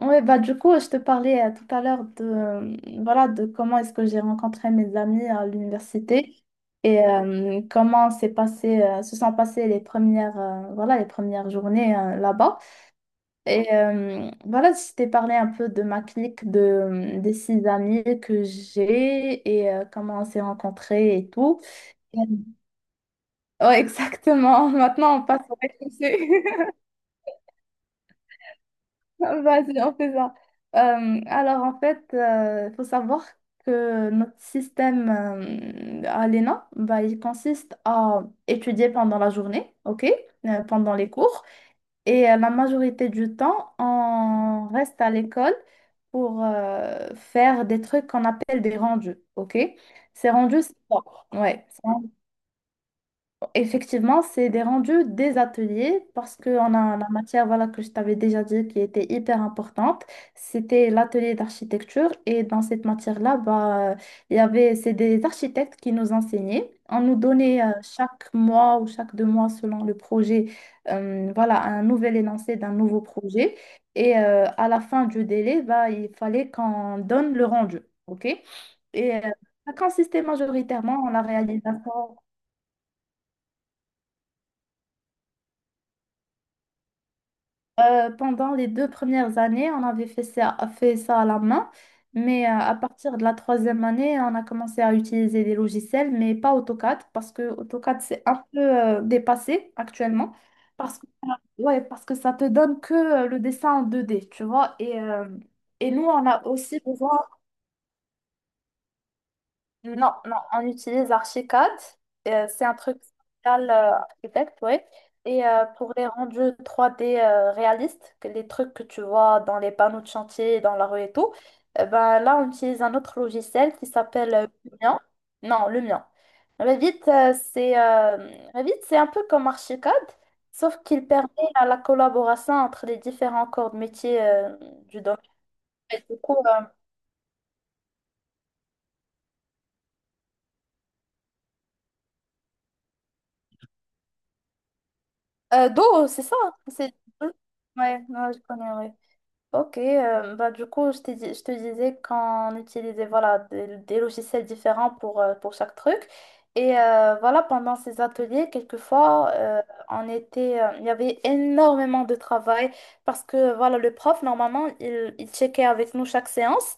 Oui, bah du coup, je te parlais tout à l'heure de, voilà, de comment est-ce que j'ai rencontré mes amis à l'université et comment s'est passé, se sont passées les premières, voilà, les premières journées là-bas. Et voilà, je t'ai parlé un peu de ma clique, de, des six amis que j'ai et comment on s'est rencontrés et tout. Ouais, exactement. Maintenant, on passe au rez. Vas-y, on fait ça. Alors, en fait, il faut savoir que notre système à l'ENA, bah, il consiste à étudier pendant la journée, OK, pendant les cours. Et la majorité du temps, on reste à l'école pour faire des trucs qu'on appelle des rendus, OK? Ces rendus, c'est quoi? Ouais. Effectivement, c'est des rendus des ateliers parce qu'on a la matière voilà, que je t'avais déjà dit qui était hyper importante. C'était l'atelier d'architecture et dans cette matière-là, bah, il y avait, c'est des architectes qui nous enseignaient. On nous donnait chaque mois ou chaque deux mois selon le projet voilà, un nouvel énoncé d'un nouveau projet. Et à la fin du délai, bah, il fallait qu'on donne le rendu. OK. Et ça consistait majoritairement en la réalisation. Pendant les deux premières années, on avait fait ça à la main, mais à partir de la troisième année, on a commencé à utiliser des logiciels, mais pas AutoCAD, parce que AutoCAD, c'est un peu dépassé actuellement, parce que, ouais, parce que ça te donne que le dessin en 2D, tu vois, et nous, on a aussi besoin. Non, non, on utilise Archicad. C'est un truc spécial architecte, oui. Et pour les rendus 3D réalistes, que les trucs que tu vois dans les panneaux de chantier, dans la rue et tout, ben, là, on utilise un autre logiciel qui s'appelle Lumion. Non, le mien. Revit, c'est Revit, c'est un peu comme Archicad, sauf qu'il permet à la collaboration entre les différents corps de métier du domaine. Et du coup, Do, c'est ça? C'est... Ouais, ouais, je connais, ouais. OK, bah, du coup, je te disais qu'on utilisait voilà, des logiciels différents pour chaque truc. Et voilà, pendant ces ateliers, quelquefois, on était, il y avait énormément de travail parce que voilà, le prof, normalement, il checkait avec nous chaque séance.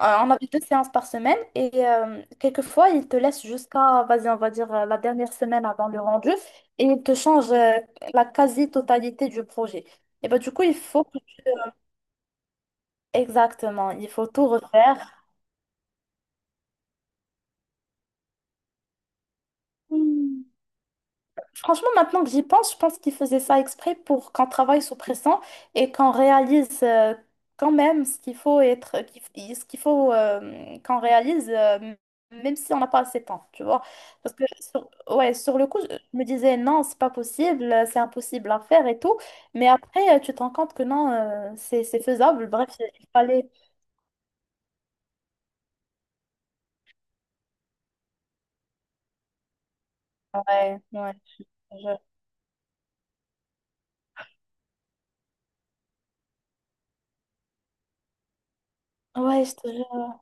On avait deux séances par semaine et quelquefois, il te laisse jusqu'à, vas-y, on va dire, la dernière semaine avant le rendu et il te change la quasi-totalité du projet. Et bah, du coup, il faut que... Exactement, il faut tout refaire. Hmm. Franchement, maintenant que j'y pense, je pense qu'ils faisaient ça exprès pour qu'on travaille sous pression et qu'on réalise quand même ce qu'il faut qu'on réalise, même si on n'a pas assez de temps, tu vois. Parce que sur, ouais, sur le coup, je me disais non, c'est pas possible, c'est impossible à faire et tout. Mais après, tu te rends compte que non, c'est faisable. Bref, il fallait. Ouais, ouais, je te jure. Ouais, je te jure.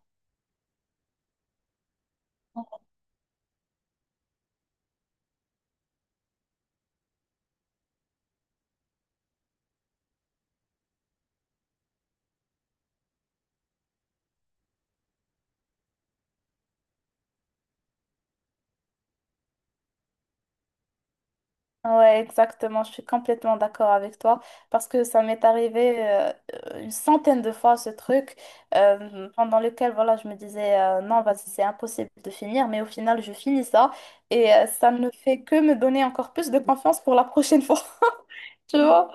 Ouais, exactement, je suis complètement d'accord avec toi parce que ça m'est arrivé une centaine de fois ce truc pendant lequel voilà, je me disais non, vas-y, c'est impossible de finir, mais au final, je finis ça et ça ne fait que me donner encore plus de confiance pour la prochaine fois, tu vois?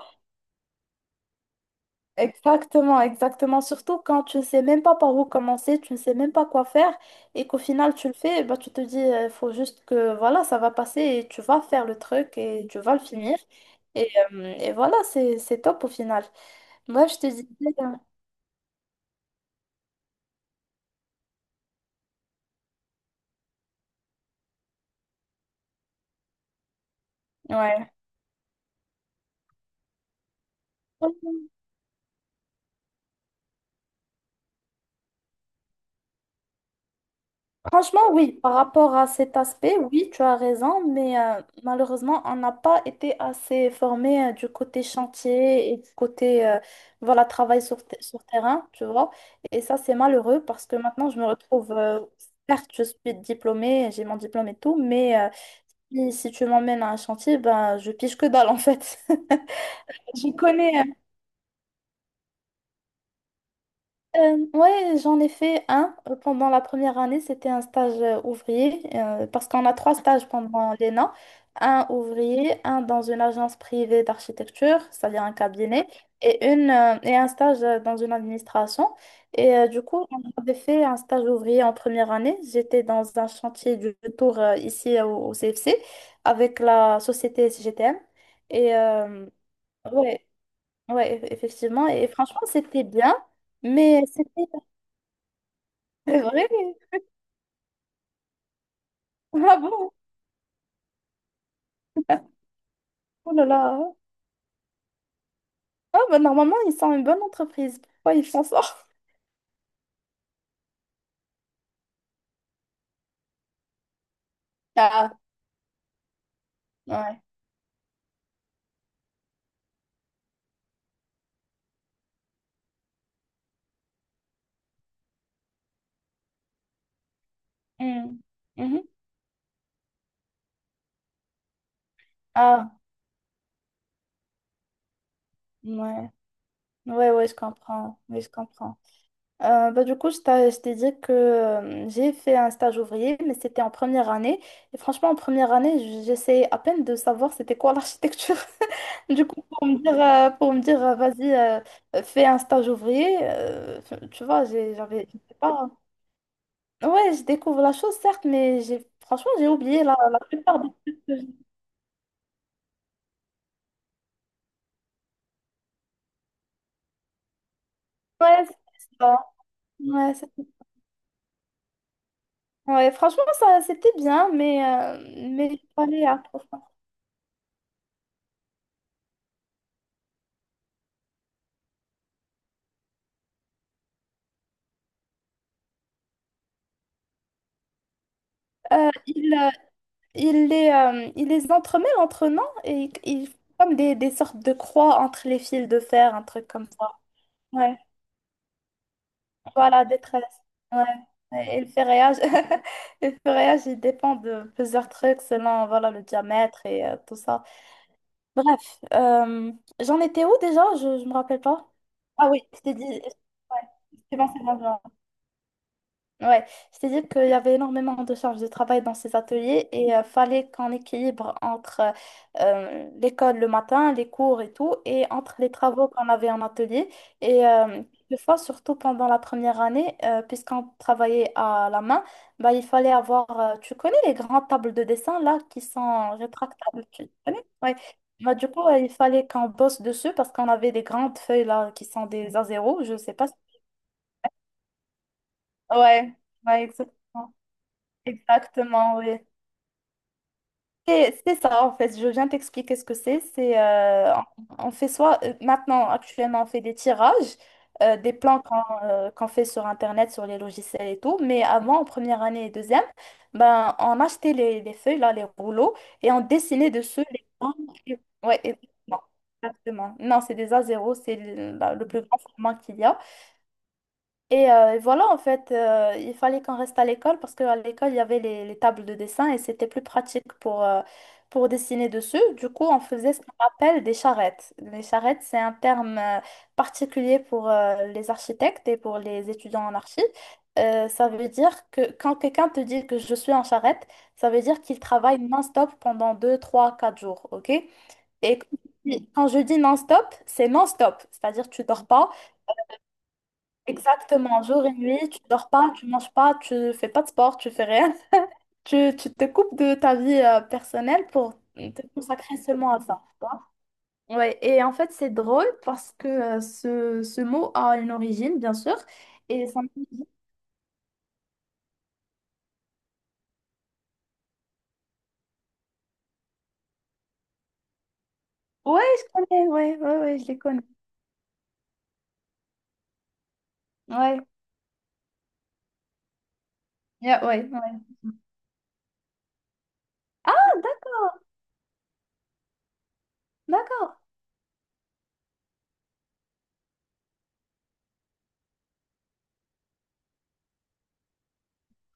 Exactement, exactement. Surtout quand tu ne sais même pas par où commencer, tu ne sais même pas quoi faire et qu'au final tu le fais, bah, tu te dis, il faut juste que voilà, ça va passer et tu vas faire le truc et tu vas le finir. Et voilà, c'est top au final. Moi je te dis. Ouais. Franchement, oui, par rapport à cet aspect, oui, tu as raison, mais malheureusement, on n'a pas été assez formé du côté chantier et du côté voilà, sur terrain, tu vois. Et ça, c'est malheureux parce que maintenant, je me retrouve, certes, je suis diplômée, j'ai mon diplôme et tout, mais si tu m'emmènes à un chantier, ben, je pige que dalle en fait. Je connais, ouais, j'en ai fait un pendant la première année. C'était un stage ouvrier parce qu'on a trois stages pendant l'ENA. Un ouvrier, un dans une agence privée d'architecture, c'est-à-dire un cabinet, et un stage dans une administration. Et du coup, on avait fait un stage ouvrier en première année. J'étais dans un chantier du tour ici au CFC avec la société SGTM. Et ouais, ouais, effectivement. Et franchement, c'était bien. Mais c'était... C'est vrai? Ah bon? Oh là là. Ah bah normalement, ils sont une bonne entreprise. Pourquoi ils font ça? Ah, ouais. Hmm. Mhm. Ah, ouais. Ouais, ouais, je comprends. Oui, je comprends. Bah, du coup, je t'ai dit que j'ai fait un stage ouvrier, mais c'était en première année. Et franchement, en première année, j'essayais à peine de savoir c'était quoi l'architecture. Du coup, pour me dire vas-y, fais un stage ouvrier, tu vois, j'avais, je sais pas. Ouais, je découvre la chose, certes, mais j'ai franchement, j'ai oublié la plupart des trucs que je-. Ouais, c'est ça. Ouais, c'est- ouais, franchement, ça, c'était bien, mais j'ai pas les à trop fort. Euh, il, euh, il les entremêle entre eux, non? Et il fait comme des sortes de croix entre les fils de fer, un truc comme ça. Ouais, voilà, détresse. Ouais. Et le ferrillage, le ferrillage, il dépend de plusieurs trucs selon voilà, le diamètre et tout ça. Bref, j'en étais où déjà? Je me rappelle pas. Ah oui, je t'ai dit. Ouais, c'est bon. Ouais, c'est-à-dire qu'il y avait énormément de charges de travail dans ces ateliers et fallait qu'on équilibre entre l'école le matin, les cours et tout, et entre les travaux qu'on avait en atelier. Et quelquefois, surtout pendant la première année, puisqu'on travaillait à la main, bah, il fallait avoir, tu connais les grandes tables de dessin là qui sont rétractables, tu connais? Ouais. Bah, du coup, il fallait qu'on bosse dessus parce qu'on avait des grandes feuilles là qui sont des A0 je sais pas. Ouais, ouais, exactement. Exactement, oui. C'est ça, en fait. Je viens t'expliquer ce que c'est. C'est, on fait soit, maintenant, actuellement, on fait des tirages, des plans qu'on qu'on fait sur Internet, sur les logiciels et tout. Mais avant, en première année et deuxième, ben, on achetait les feuilles, là, les rouleaux, et on dessinait dessus les plans. Et-. Ouais, et-. Exactement. Non, c'est des A0, c'est le, le plus grand format qu'il y a. Et voilà, en fait, il fallait qu'on reste à l'école parce qu'à l'école, il y avait les tables de dessin et c'était plus pratique pour dessiner dessus. Du coup, on faisait ce qu'on appelle des charrettes. Les charrettes, c'est un terme particulier pour les architectes et pour les étudiants en archi. Ça veut dire que quand quelqu'un te dit que je suis en charrette, ça veut dire qu'il travaille non-stop pendant 2, 3, 4 jours, OK? Et quand je dis non-stop, c'est non-stop, c'est-à-dire tu dors pas. Exactement, jour et nuit, tu dors pas, tu manges pas, tu fais pas de sport, tu fais rien. Tu te coupes de ta vie personnelle pour te consacrer seulement à ça. Tu vois. Ouais, et en fait, c'est drôle parce que ce mot a une origine, bien sûr. Et ça... me-. Ouais, je connais, ouais, ouais, ouais, je les connais. Ouais, yeah, ouais, ouais. Ah, d'ac- d'accord.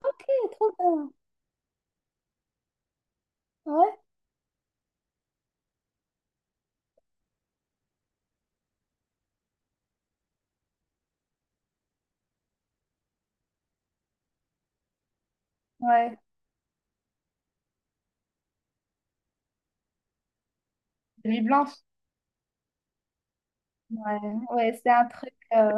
OK, trop bien. Ouais, ouais. Nuit blanche. Ouais, ouais, c'est un truc.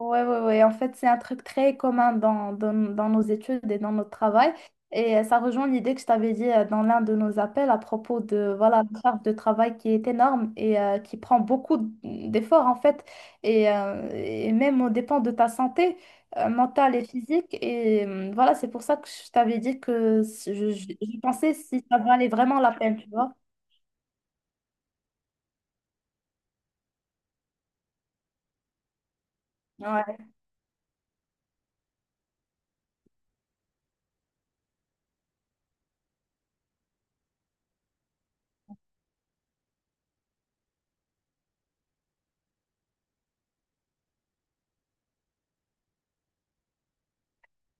Ouais, ouais, ouais. En fait, c'est un truc très commun dans, dans, dans nos études et dans notre travail. Et ça rejoint l'idée que je t'avais dit dans l'un de nos appels à propos de voilà, la charge de travail qui est énorme et qui prend beaucoup d'efforts, en fait. Et même au dépend de ta santé mentale et physique. Et voilà, c'est pour ça que je t'avais dit que je pensais si ça valait vraiment la peine, tu vois. Ouais,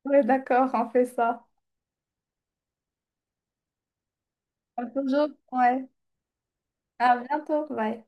ouais, d'accord, on fait ça. À toujours. Ouais. À bientôt. Bye.